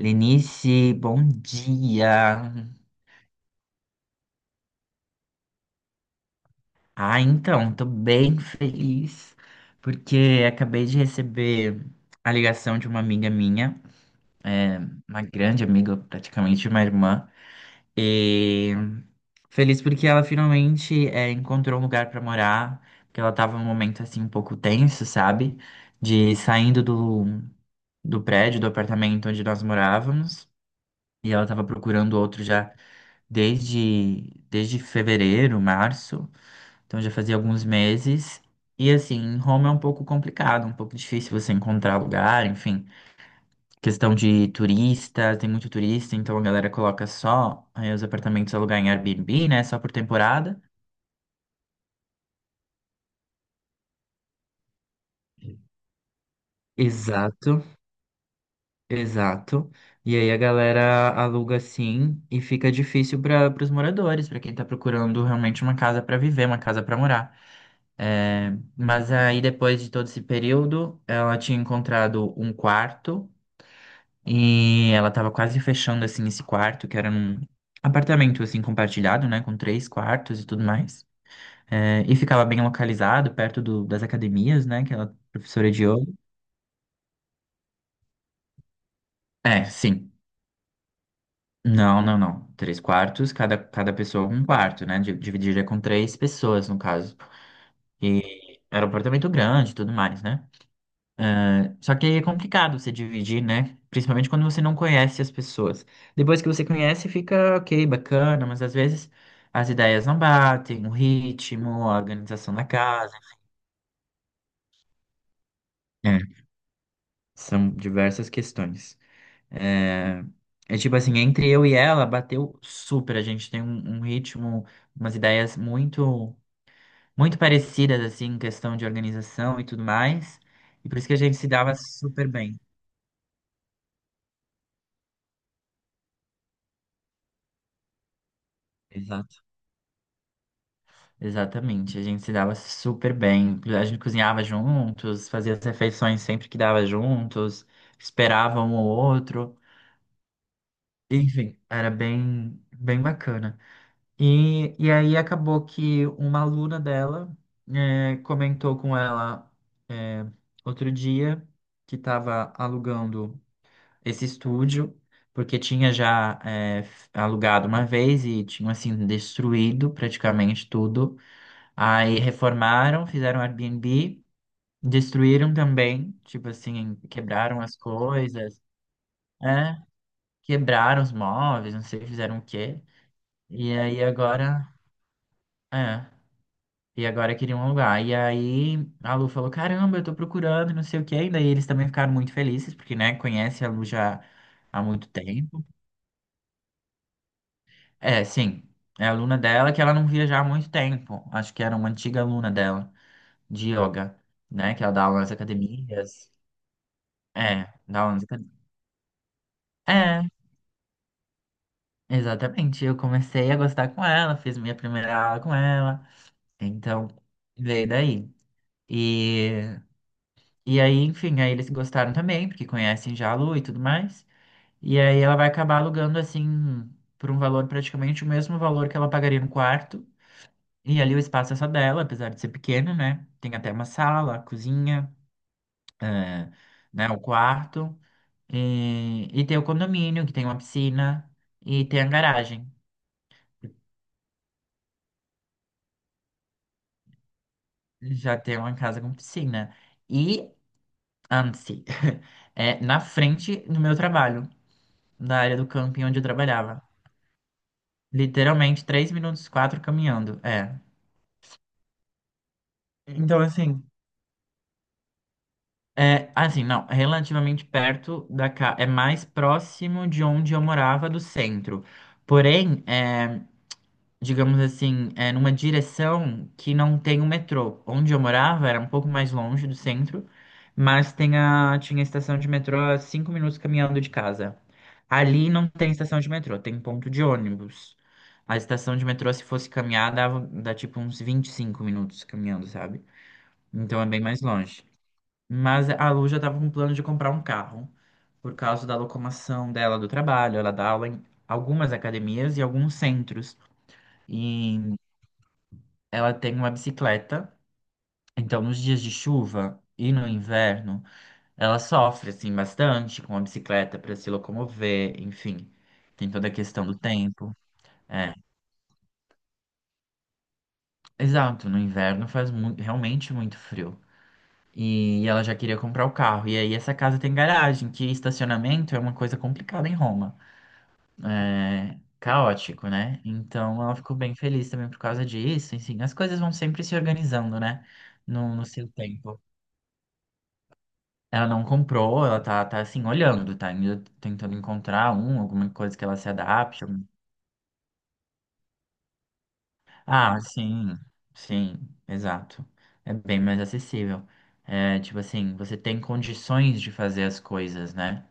Lenice, bom dia. Tô bem feliz porque acabei de receber a ligação de uma amiga minha, é, uma grande amiga, praticamente uma irmã, e feliz porque ela finalmente encontrou um lugar pra morar, porque ela tava num momento assim um pouco tenso, sabe? De saindo do, do prédio, do apartamento onde nós morávamos, e ela tava procurando outro já. Desde fevereiro, março, então já fazia alguns meses. E assim, em Roma é um pouco complicado, um pouco difícil você encontrar lugar, enfim. Questão de turista, tem muito turista, então a galera coloca só aí os apartamentos alugar em Airbnb, né? Só por temporada. Exato, exato. E aí a galera aluga assim e fica difícil para os moradores, para quem tá procurando realmente uma casa para viver, uma casa para morar. É, mas aí, depois de todo esse período, ela tinha encontrado um quarto e ela estava quase fechando assim esse quarto, que era num apartamento assim compartilhado, né, com três quartos e tudo mais. É, e ficava bem localizado, das academias, né, que ela é professora de yoga. É, sim. Não, não, não. Três quartos, cada pessoa um quarto, né? Dividiria com três pessoas, no caso. Era um apartamento grande e tudo mais, né? Só que aí é complicado você dividir, né? Principalmente quando você não conhece as pessoas. Depois que você conhece, fica ok, bacana, mas às vezes as ideias não batem, o ritmo, a organização da casa. É, são diversas questões. É, é tipo assim, entre eu e ela, bateu super. A gente tem um ritmo, umas ideias muito, muito parecidas, assim, em questão de organização e tudo mais. E por isso que a gente se dava super bem. Exato. Exatamente, a gente se dava super bem. A gente cozinhava juntos, fazia as refeições sempre que dava juntos, esperava um ou outro. Enfim, era bem, bem bacana. E aí acabou que uma aluna dela comentou com ela eh, outro dia que estava alugando esse estúdio, porque tinha já alugado uma vez e tinha assim destruído praticamente tudo. Aí reformaram, fizeram Airbnb, destruíram também, tipo assim, quebraram as coisas, é, quebraram os móveis, não sei, fizeram o quê. E aí agora, é, e agora queriam um lugar. E aí a Lu falou, caramba, eu tô procurando, não sei o quê. E daí eles também ficaram muito felizes, porque, né, conhece a Lu já há muito tempo. É, sim, é aluna dela que ela não via já há muito tempo. Acho que era uma antiga aluna dela, de yoga, né, que ela dá aulas nas academias. É, da música. É, exatamente. Eu comecei a gostar com ela, fiz minha primeira aula com ela. Então, veio daí. E, e aí, enfim, aí eles gostaram também, porque conhecem já a Lu e tudo mais. E aí ela vai acabar alugando, assim, por um valor praticamente o mesmo valor que ela pagaria no quarto. E ali o espaço é só dela, apesar de ser pequeno, né? Tem até uma sala, a cozinha, eh, né, o quarto. E tem o condomínio, que tem uma piscina e tem a garagem. Já tem uma casa com piscina. E antes, é na frente do meu trabalho, da área do camping onde eu trabalhava. Literalmente, 3 minutos, quatro caminhando. É. Então, assim, é assim, não, relativamente perto da casa. É mais próximo de onde eu morava do centro. Porém, é. Digamos assim, é, numa direção que não tem o metrô. Onde eu morava era um pouco mais longe do centro, mas tinha estação de metrô a 5 minutos caminhando de casa. Ali não tem estação de metrô, tem ponto de ônibus. A estação de metrô, se fosse caminhar, dá tipo uns 25 minutos caminhando, sabe? Então é bem mais longe. Mas a Lu já tava com plano de comprar um carro, por causa da locomoção dela do trabalho. Ela dá aula em algumas academias e alguns centros. E ela tem uma bicicleta, então nos dias de chuva e no inverno, ela sofre assim bastante com a bicicleta para se locomover, enfim, tem toda a questão do tempo. É, exato, no inverno realmente muito frio. E ela já queria comprar o carro. E aí essa casa tem garagem, que estacionamento é uma coisa complicada em Roma. É caótico, né? Então ela ficou bem feliz também por causa disso. Enfim, as coisas vão sempre se organizando, né? No seu tempo. Ela não comprou, ela tá assim, olhando, tá ainda tentando encontrar um, alguma coisa que ela se adapte. Ah, sim, sim, exato. É bem mais acessível. É, tipo assim, você tem condições de fazer as coisas, né?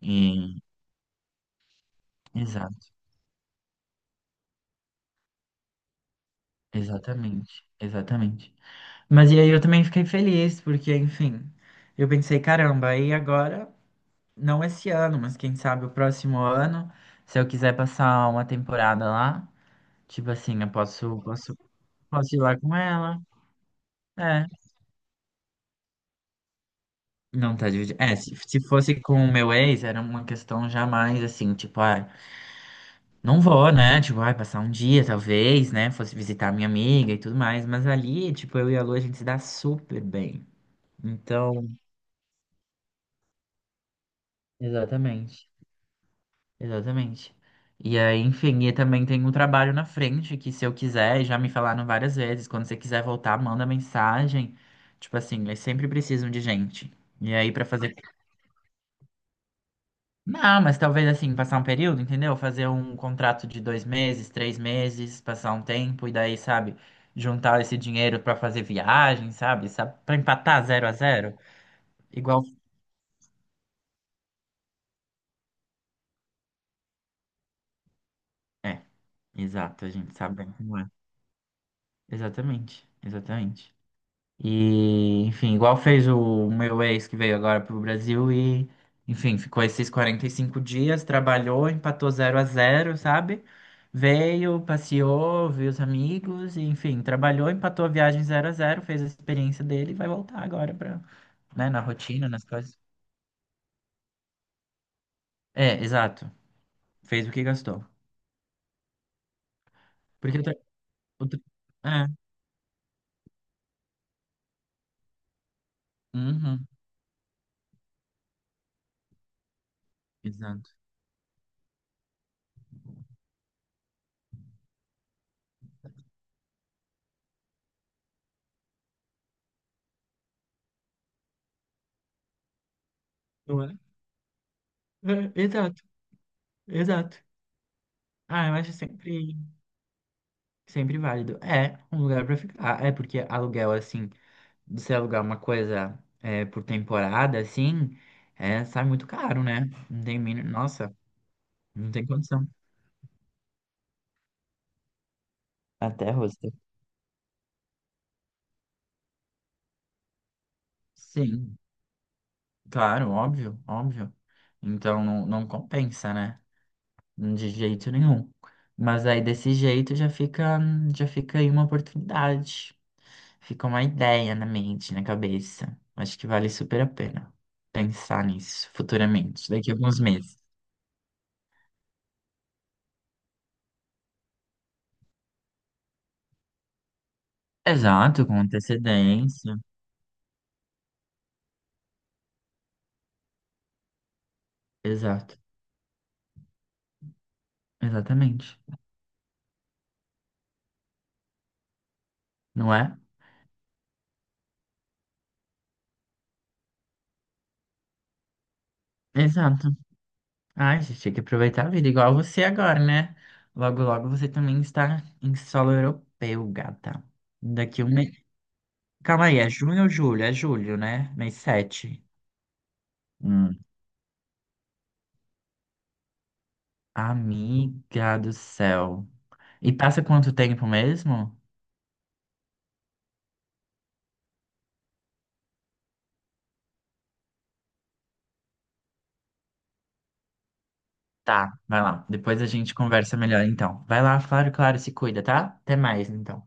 E, exato, exatamente, exatamente. Mas e aí eu também fiquei feliz, porque, enfim, eu pensei, caramba, e agora, não esse ano, mas quem sabe o próximo ano, se eu quiser passar uma temporada lá. Tipo assim, eu posso, posso Posso ir lá com ela? É. Não tá dividido. É, se fosse com o meu ex, era uma questão jamais assim, tipo, ah, não vou, né? Tipo, ai, passar um dia, talvez, né? Fosse visitar minha amiga e tudo mais. Mas ali, tipo, eu e a Lu, a gente se dá super bem. Então, exatamente. Exatamente. E aí, enfim, e também tem um trabalho na frente que se eu quiser, já me falaram várias vezes, quando você quiser voltar, manda mensagem. Tipo assim, eles sempre precisam de gente. E aí, pra fazer Não, mas talvez assim, passar um período, entendeu? Fazer um contrato de 2 meses, 3 meses, passar um tempo e daí, sabe, juntar esse dinheiro pra fazer viagem, sabe? Sabe, para empatar zero a zero. Igual. É, exato, a gente sabe bem como é. Exatamente, exatamente. E, enfim, igual fez o meu ex que veio agora pro Brasil e, enfim, ficou esses 45 dias, trabalhou, empatou zero a zero sabe? Veio, passeou, viu os amigos, e, enfim, trabalhou, empatou a viagem zero a zero fez a experiência dele e vai voltar agora pra, né, na rotina, nas coisas. É, exato. Fez o que gastou. Porque o tra- É, uhum, exato. Não é? É, exato, exato. Ah, eu acho sempre. Sempre válido. É um lugar pra ficar. Ah, É porque aluguel, assim, de se alugar uma coisa é, por temporada, assim, é, sai muito caro, né? Não tem mínimo. Nossa, não tem condição. Até hostel. Sim, claro, óbvio, óbvio. Então não, não compensa, né? De jeito nenhum. Mas aí desse jeito já fica aí uma oportunidade. Fica uma ideia na mente, na cabeça. Acho que vale super a pena pensar nisso futuramente, daqui a alguns meses. Exato, com antecedência. Exato, exatamente. Não é? Exato. Ai, gente, tem que aproveitar a vida, igual você agora, né? Logo, logo você também está em solo europeu, gata. Daqui um mês. Calma aí, é junho ou julho? É julho, né? Mês 7. Hum. Amiga do céu. E passa quanto tempo mesmo? Tá, vai lá. Depois a gente conversa melhor, então. Vai lá, claro, claro, se cuida, tá? Até mais, então.